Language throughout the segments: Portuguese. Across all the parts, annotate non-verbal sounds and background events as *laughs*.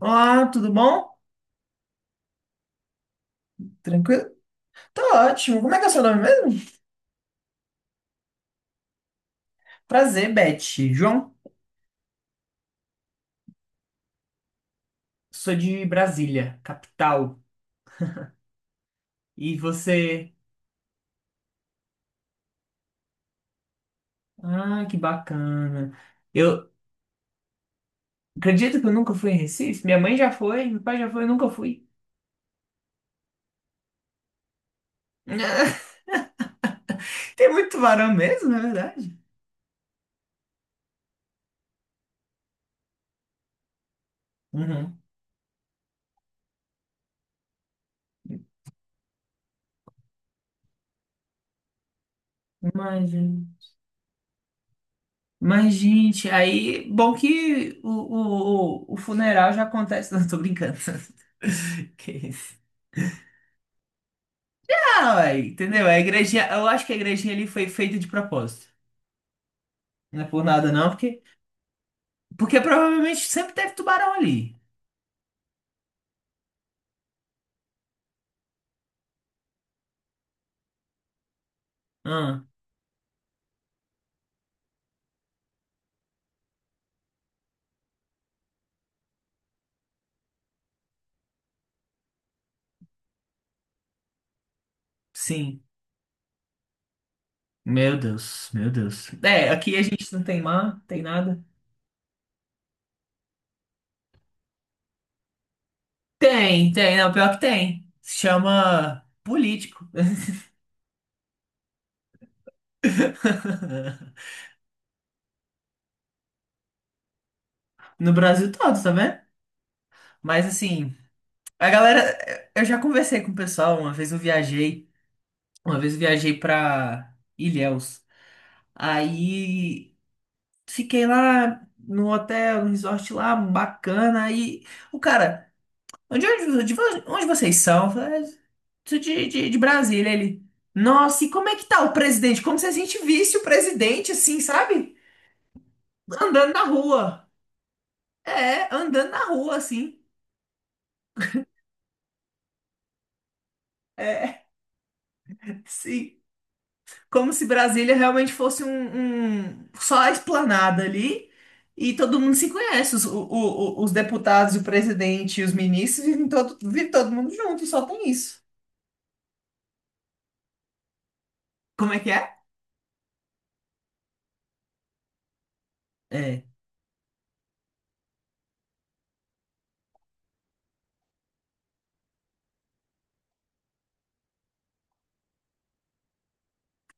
Olá, tudo bom? Tranquilo? Tô ótimo. Como é que é o seu nome mesmo? Prazer, Beth. João, sou de Brasília, capital. E você? Ah, que bacana. Eu acredito que eu nunca fui em Recife. Minha mãe já foi, meu pai já foi, eu nunca fui. *laughs* Tem muito tubarão mesmo, na verdade? Uhum. Imagina. Mas, gente, aí, bom que o funeral já acontece. *laughs* Não, tô brincando. *laughs* Que isso. Ah, ué, entendeu? A igrejinha, eu acho que a igrejinha ali foi feita de propósito. Não é por nada, não, porque provavelmente sempre teve tubarão ali. Ah, sim. Meu Deus, meu Deus. É, aqui a gente não tem mar, tem nada. Tem, tem, não, pior que tem. Se chama político. *laughs* No Brasil todo, tá vendo? Mas assim, a galera, eu já conversei com o pessoal, uma vez eu viajei pra Ilhéus. Aí, fiquei lá no hotel, no resort lá, bacana. E o cara, onde, é onde, de vo- onde vocês são? Eu falei, "Ah, sou de Brasília." Ele, nossa, e como é que tá o presidente? Como se a gente visse o presidente, assim, sabe? Andando na rua. É, andando na rua, assim. É, *laughs* sim. Como se Brasília realmente fosse só a esplanada ali e todo mundo se conhece, os deputados, e o presidente e os ministros vive todo mundo junto, só tem isso. Como é que é? É,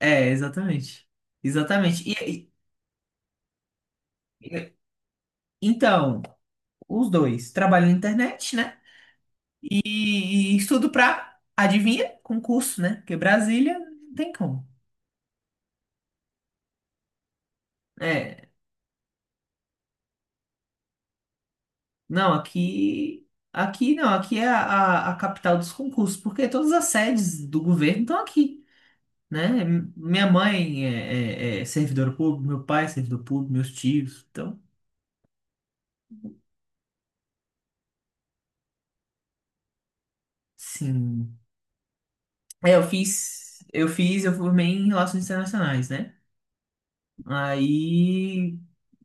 Exatamente. Exatamente. E, e- e- então, os dois trabalham na internet, né? E, e estudo pra, adivinha? Concurso, né? Porque Brasília não tem como. Não, aqui. Aqui não, aqui é a, a capital dos concursos, porque todas as sedes do governo estão aqui, né? Minha mãe é servidora pública, meu pai é servidor público, meus tios, então, sim. É, eu formei em relações internacionais, né? Aí.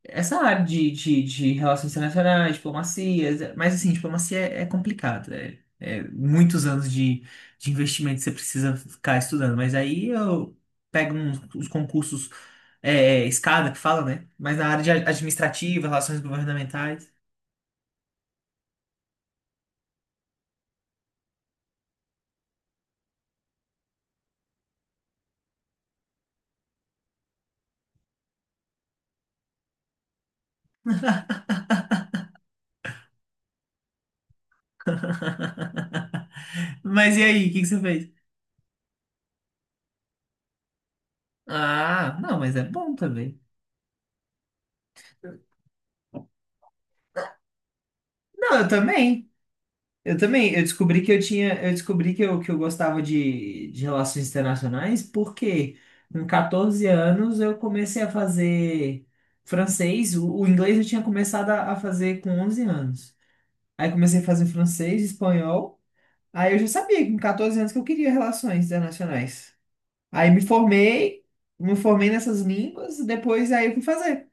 Essa área de relações internacionais, diplomacia, mas assim, diplomacia é complicado. É muitos anos de investimento que você precisa ficar estudando. Mas aí eu pego uns, os concursos escada que fala, né? Mas na área de administrativa, relações governamentais. Mas e aí, o que que você fez? Ah, não, mas é bom também. Não, eu também. Eu também, eu descobri que eu gostava de relações internacionais porque com 14 anos eu comecei a fazer francês, o inglês eu tinha começado a fazer com 11 anos. Aí comecei a fazer francês, espanhol, aí eu já sabia que com 14 anos que eu queria relações internacionais. Aí me formei nessas línguas, depois aí eu fui fazer.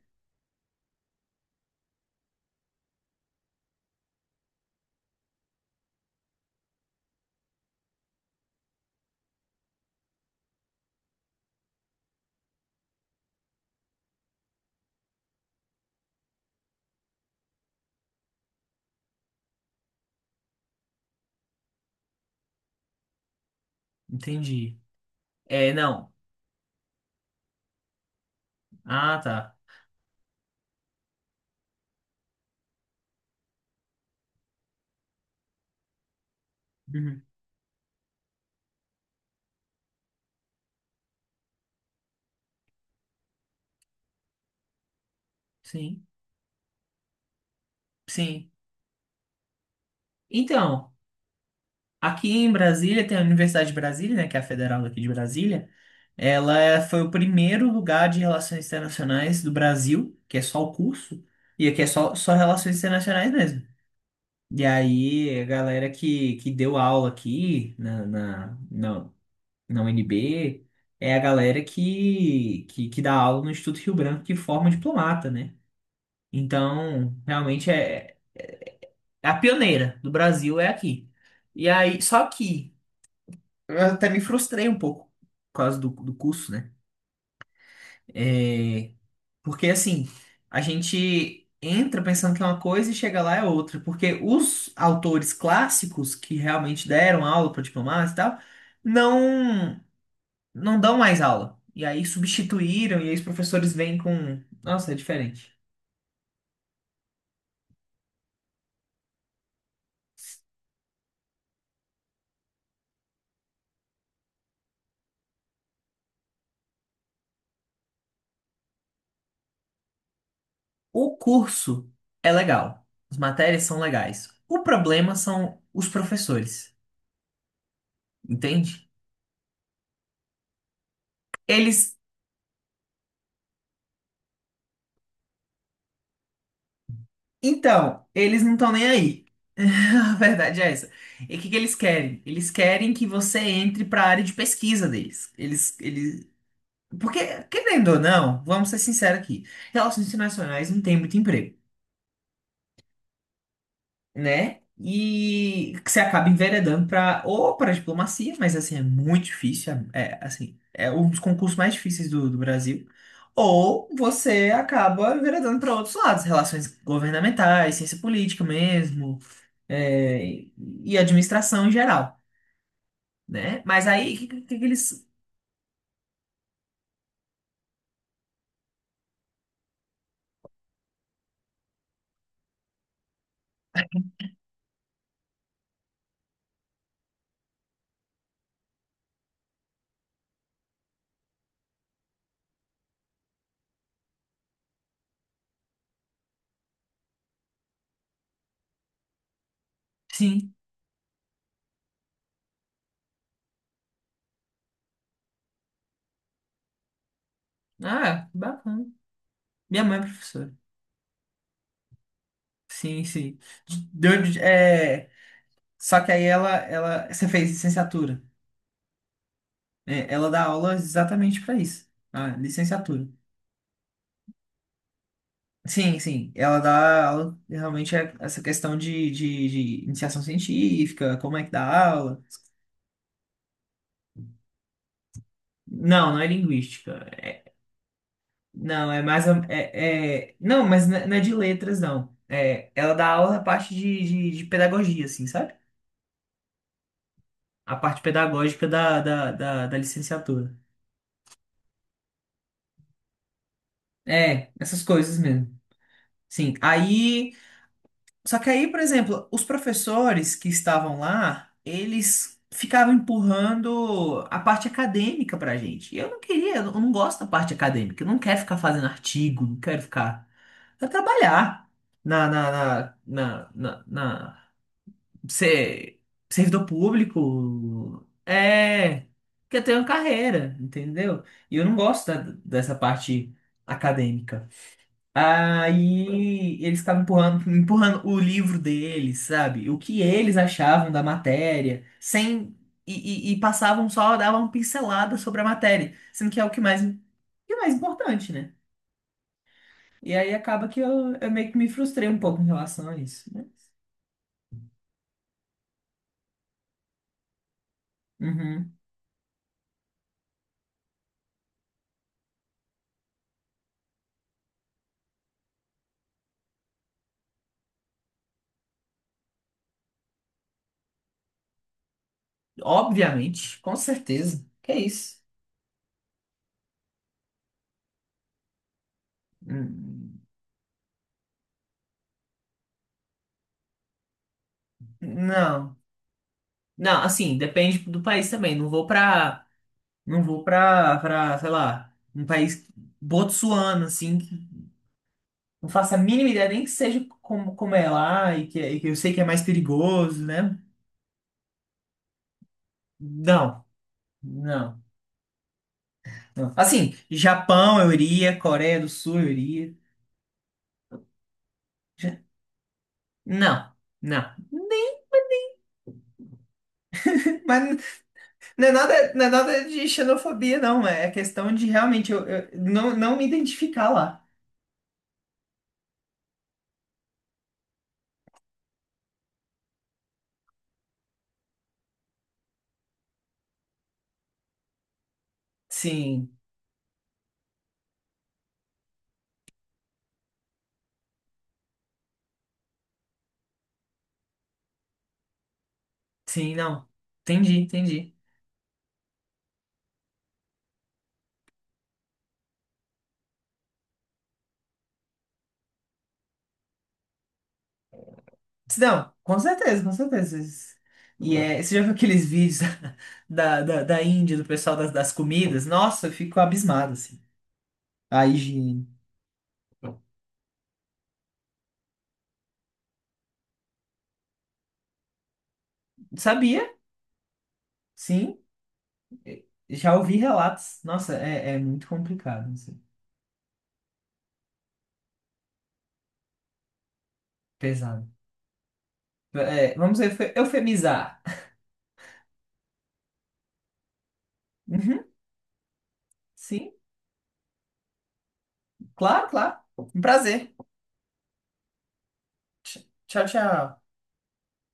Entendi. É, não. Ah, tá. Uhum. Sim, sim. Então, aqui em Brasília tem a Universidade de Brasília, né, que é a federal aqui de Brasília. Ela foi o primeiro lugar de relações internacionais do Brasil, que é só o curso, e aqui é só relações internacionais mesmo. E aí, a galera que deu aula aqui na UNB é a galera que dá aula no Instituto Rio Branco, que forma diplomata, né? Então, realmente é a pioneira do Brasil é aqui. E aí, só que eu até me frustrei um pouco por causa do curso, né? É, porque assim, a gente entra pensando que é uma coisa e chega lá é outra. Porque os autores clássicos que realmente deram aula para diplomatas e tal, não, não dão mais aula. E aí substituíram, e aí os professores vêm com. Nossa, é diferente. O curso é legal, as matérias são legais. O problema são os professores, entende? Eles Então, eles não estão nem aí. *laughs* A verdade é essa. E o que que eles querem? Eles querem que você entre para a área de pesquisa deles. Eles... Porque, querendo ou não, vamos ser sinceros aqui, relações internacionais não tem muito emprego, né? E que você acaba enveredando para ou para diplomacia, mas assim, é muito difícil, assim, é um dos concursos mais difíceis do Brasil. Ou você acaba enveredando para outros lados, relações governamentais, ciência política mesmo é, e administração em geral, né? Mas aí, o que que eles... Sim. Ah, que bacana. Minha mãe é professora. Sim, sim. Deu, é, só que aí ela... Você fez licenciatura. É, ela dá aula exatamente para isso. Ah, licenciatura. Sim, sim. Ela dá aula, realmente, é essa questão de iniciação científica, como é que dá aula. Não, não é linguística. Não, é mais. Não, mas não é de letras, não. É, ela dá aula na parte de pedagogia, assim, sabe? A parte pedagógica da licenciatura. É, essas coisas mesmo. Sim. Aí. Só que aí, por exemplo, os professores que estavam lá, eles ficavam empurrando a parte acadêmica pra gente. E eu não queria, eu não gosto da parte acadêmica. Eu não quero ficar fazendo artigo, não quero ficar. Eu quero trabalhar na, na, na, na, na, na- ser servidor público quer ter uma carreira, entendeu? E eu não gosto dessa parte acadêmica. Aí eles estavam empurrando o livro deles, sabe? O que eles achavam da matéria, sem e, e passavam só, davam uma pincelada sobre a matéria, sendo que é o que é mais importante, né? E aí acaba que eu meio que me frustrei um pouco em relação a isso, né? Uhum. Obviamente, com certeza. Que é isso. Hum, Não. Não, assim, depende do país também. Não vou pra. Não vou pra, sei lá, um país botsuano, assim, que não faço a mínima ideia nem que seja como é lá e que eu sei que é mais perigoso, né? Não, não, não. Assim, Japão eu iria, Coreia do Sul eu iria. Não, não. Mas não é nada, não é nada de xenofobia, não. É questão de realmente eu não me identificar lá. Sim. Sim, não. Entendi, entendi. Não, com certeza, com certeza. E você já viu aqueles vídeos *laughs* da Índia, do pessoal das comidas? Nossa, eu fico abismado, assim. A higiene. Sabia, sim. Já ouvi relatos. Nossa, é muito complicado, assim. Pesado. É, vamos eufemizar. *laughs* Uhum, sim, claro, claro. Um prazer. Tchau, tchau.